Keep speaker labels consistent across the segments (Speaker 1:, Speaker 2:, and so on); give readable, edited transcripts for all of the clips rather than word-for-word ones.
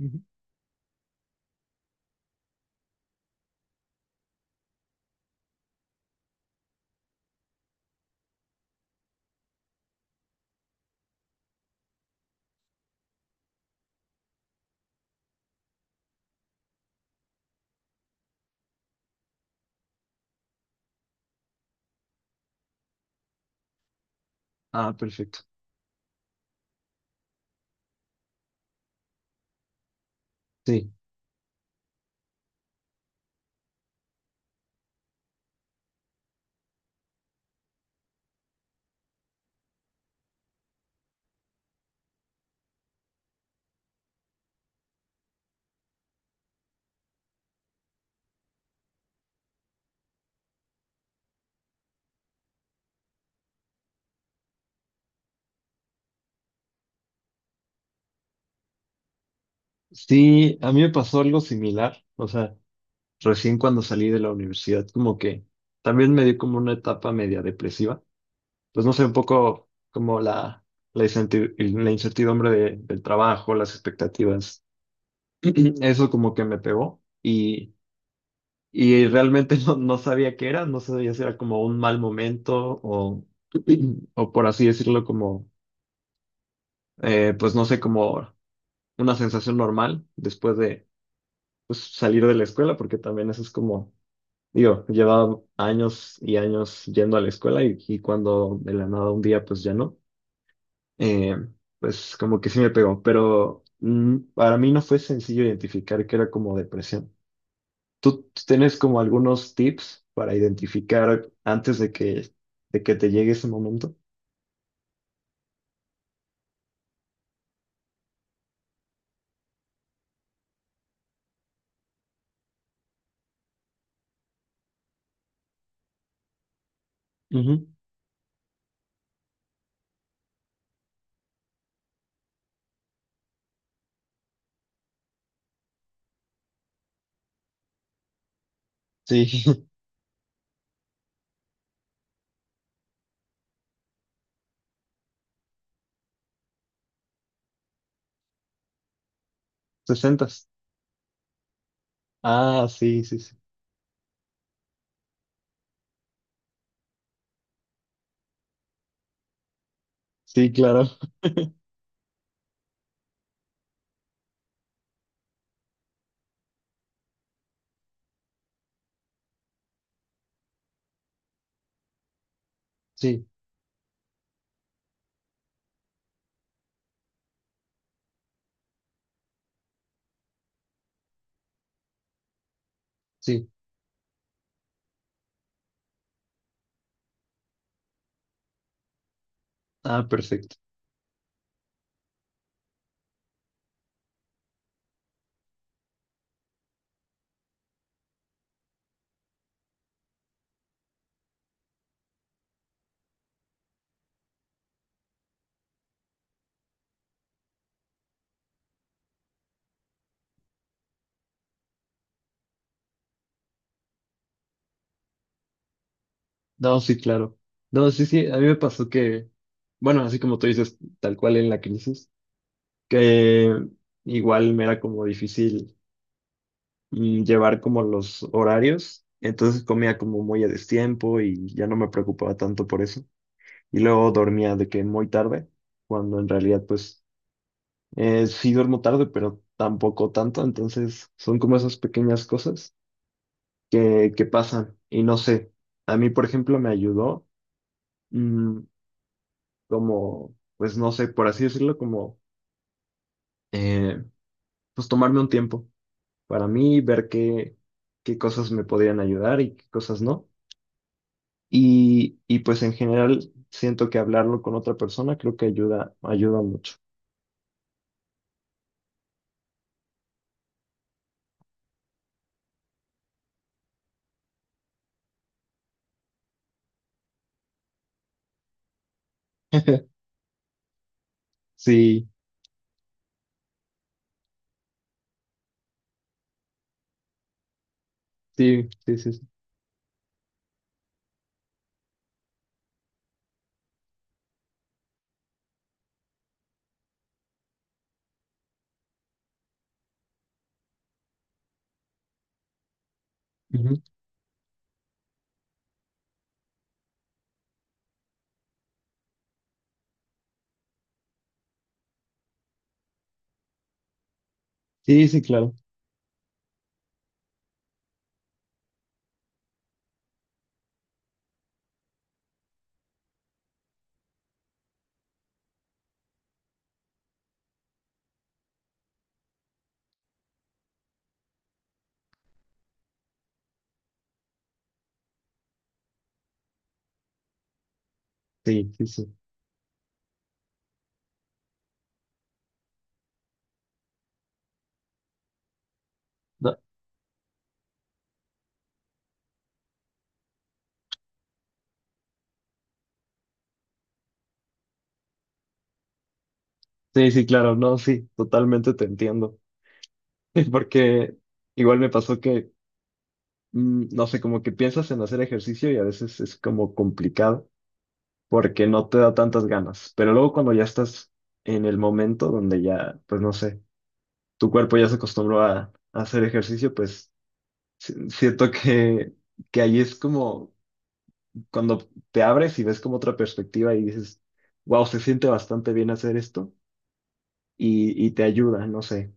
Speaker 1: Ujú. Ah, perfecto. Sí. Sí, a mí me pasó algo similar. O sea, recién cuando salí de la universidad, como que también me dio como una etapa media depresiva. Pues no sé, un poco como la incertidumbre del trabajo, las expectativas. Eso como que me pegó y realmente no sabía qué era, no sabía si era como un mal momento o por así decirlo, como, pues no sé, como una sensación normal después pues, salir de la escuela, porque también eso es como, digo, llevaba años y años yendo a la escuela y cuando de la nada un día pues ya no, eh, pues como que sí me pegó, pero para mí no fue sencillo identificar que era como depresión. ¿Tú tienes como algunos tips para identificar antes de que te llegue ese momento? Ujú. Sí. 60. Ah, sí, sí, sí. Sí, claro. Sí, sí. Ah, perfecto. No, sí, claro. No, sí, sí, a mí me pasó que, bueno, así como tú dices, tal cual en la crisis, que igual me era como difícil, llevar como los horarios, entonces comía como muy a destiempo y ya no me preocupaba tanto por eso. Y luego dormía de que muy tarde, cuando en realidad pues sí duermo tarde, pero tampoco tanto, entonces son como esas pequeñas cosas que pasan. Y no sé, a mí por ejemplo me ayudó. mm, Como, pues no sé, por así decirlo, como, eh, pues tomarme un tiempo para mí, ver qué cosas me podrían ayudar y qué cosas no. Y pues en general siento que hablarlo con otra persona creo que ayuda, ayuda mucho. Sí, sí, sí, sí. Sí. Ujú. Sí, sí, claro. Sí, sí, sí. No, sí, sí, claro. No, sí, totalmente te entiendo. Porque igual me pasó que, no sé, como que piensas en hacer ejercicio y a veces es como complicado, porque no te da tantas ganas. Pero luego cuando ya estás en el momento donde ya, pues no sé, tu cuerpo ya se acostumbró a hacer ejercicio, pues siento que ahí es como cuando te abres y ves como otra perspectiva y dices, wow, se siente bastante bien hacer esto y te ayuda, no sé,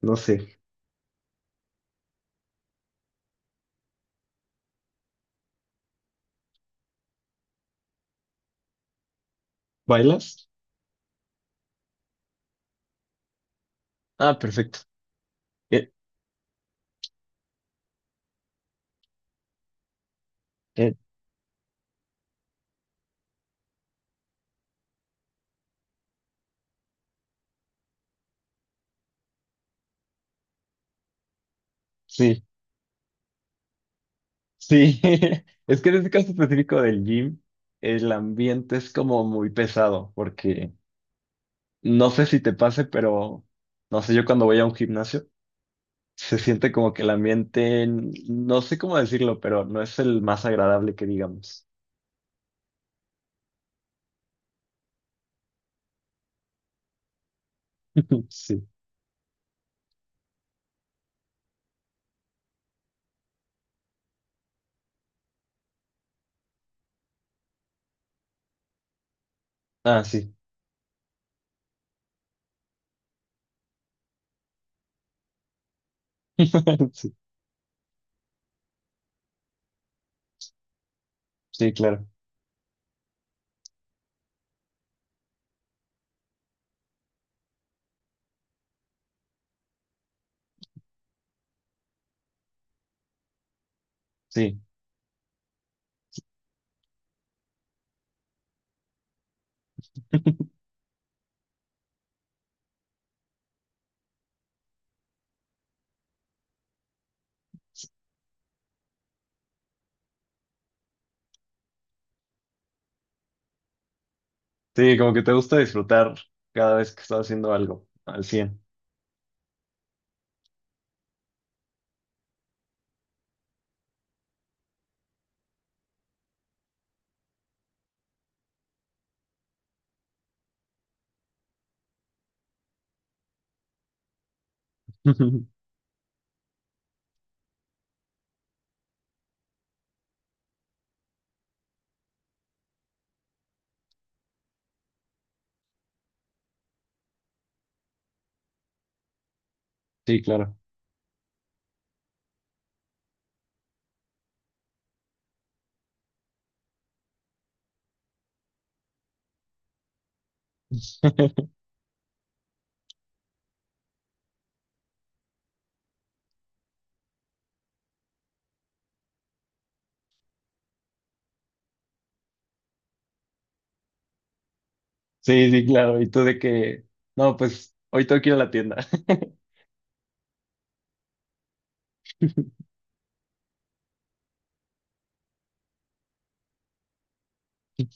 Speaker 1: no sé. ¿Bailas? Ah, perfecto. Eh, eh, sí, sí. Es que en este caso específico del gym, el ambiente es como muy pesado porque. No sé si te pase, pero no sé, yo cuando voy a un gimnasio se siente como que el ambiente, no sé cómo decirlo, pero no es el más agradable que digamos. Sí. Ah, sí. Sí, sí, claro. Sí. Sí, como que te gusta disfrutar cada vez que estás haciendo algo al cien. Sí, claro. Sí, sí, claro. Y tú de que, no, pues hoy tengo que ir a la tienda.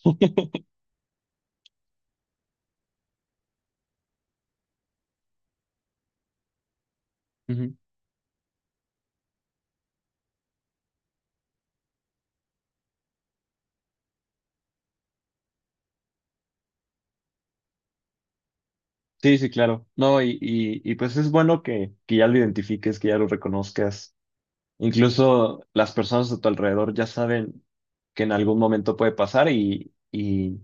Speaker 1: Ujú. Sí, sí, claro. No, y pues es bueno que ya lo identifiques, que ya lo reconozcas. Incluso las personas a tu alrededor ya saben que en algún momento puede pasar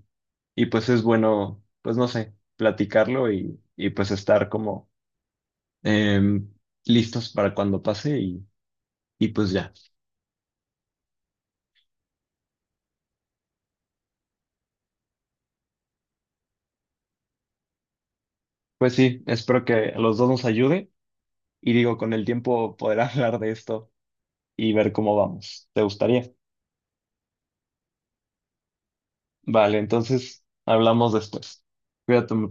Speaker 1: y pues es bueno, pues no sé, platicarlo y pues estar como em, listos para cuando pase y pues ya. Pues sí, espero que a los dos nos ayude y digo, con el tiempo poder hablar de esto y ver cómo vamos. ¿Te gustaría? Vale, entonces hablamos después. Cuídate.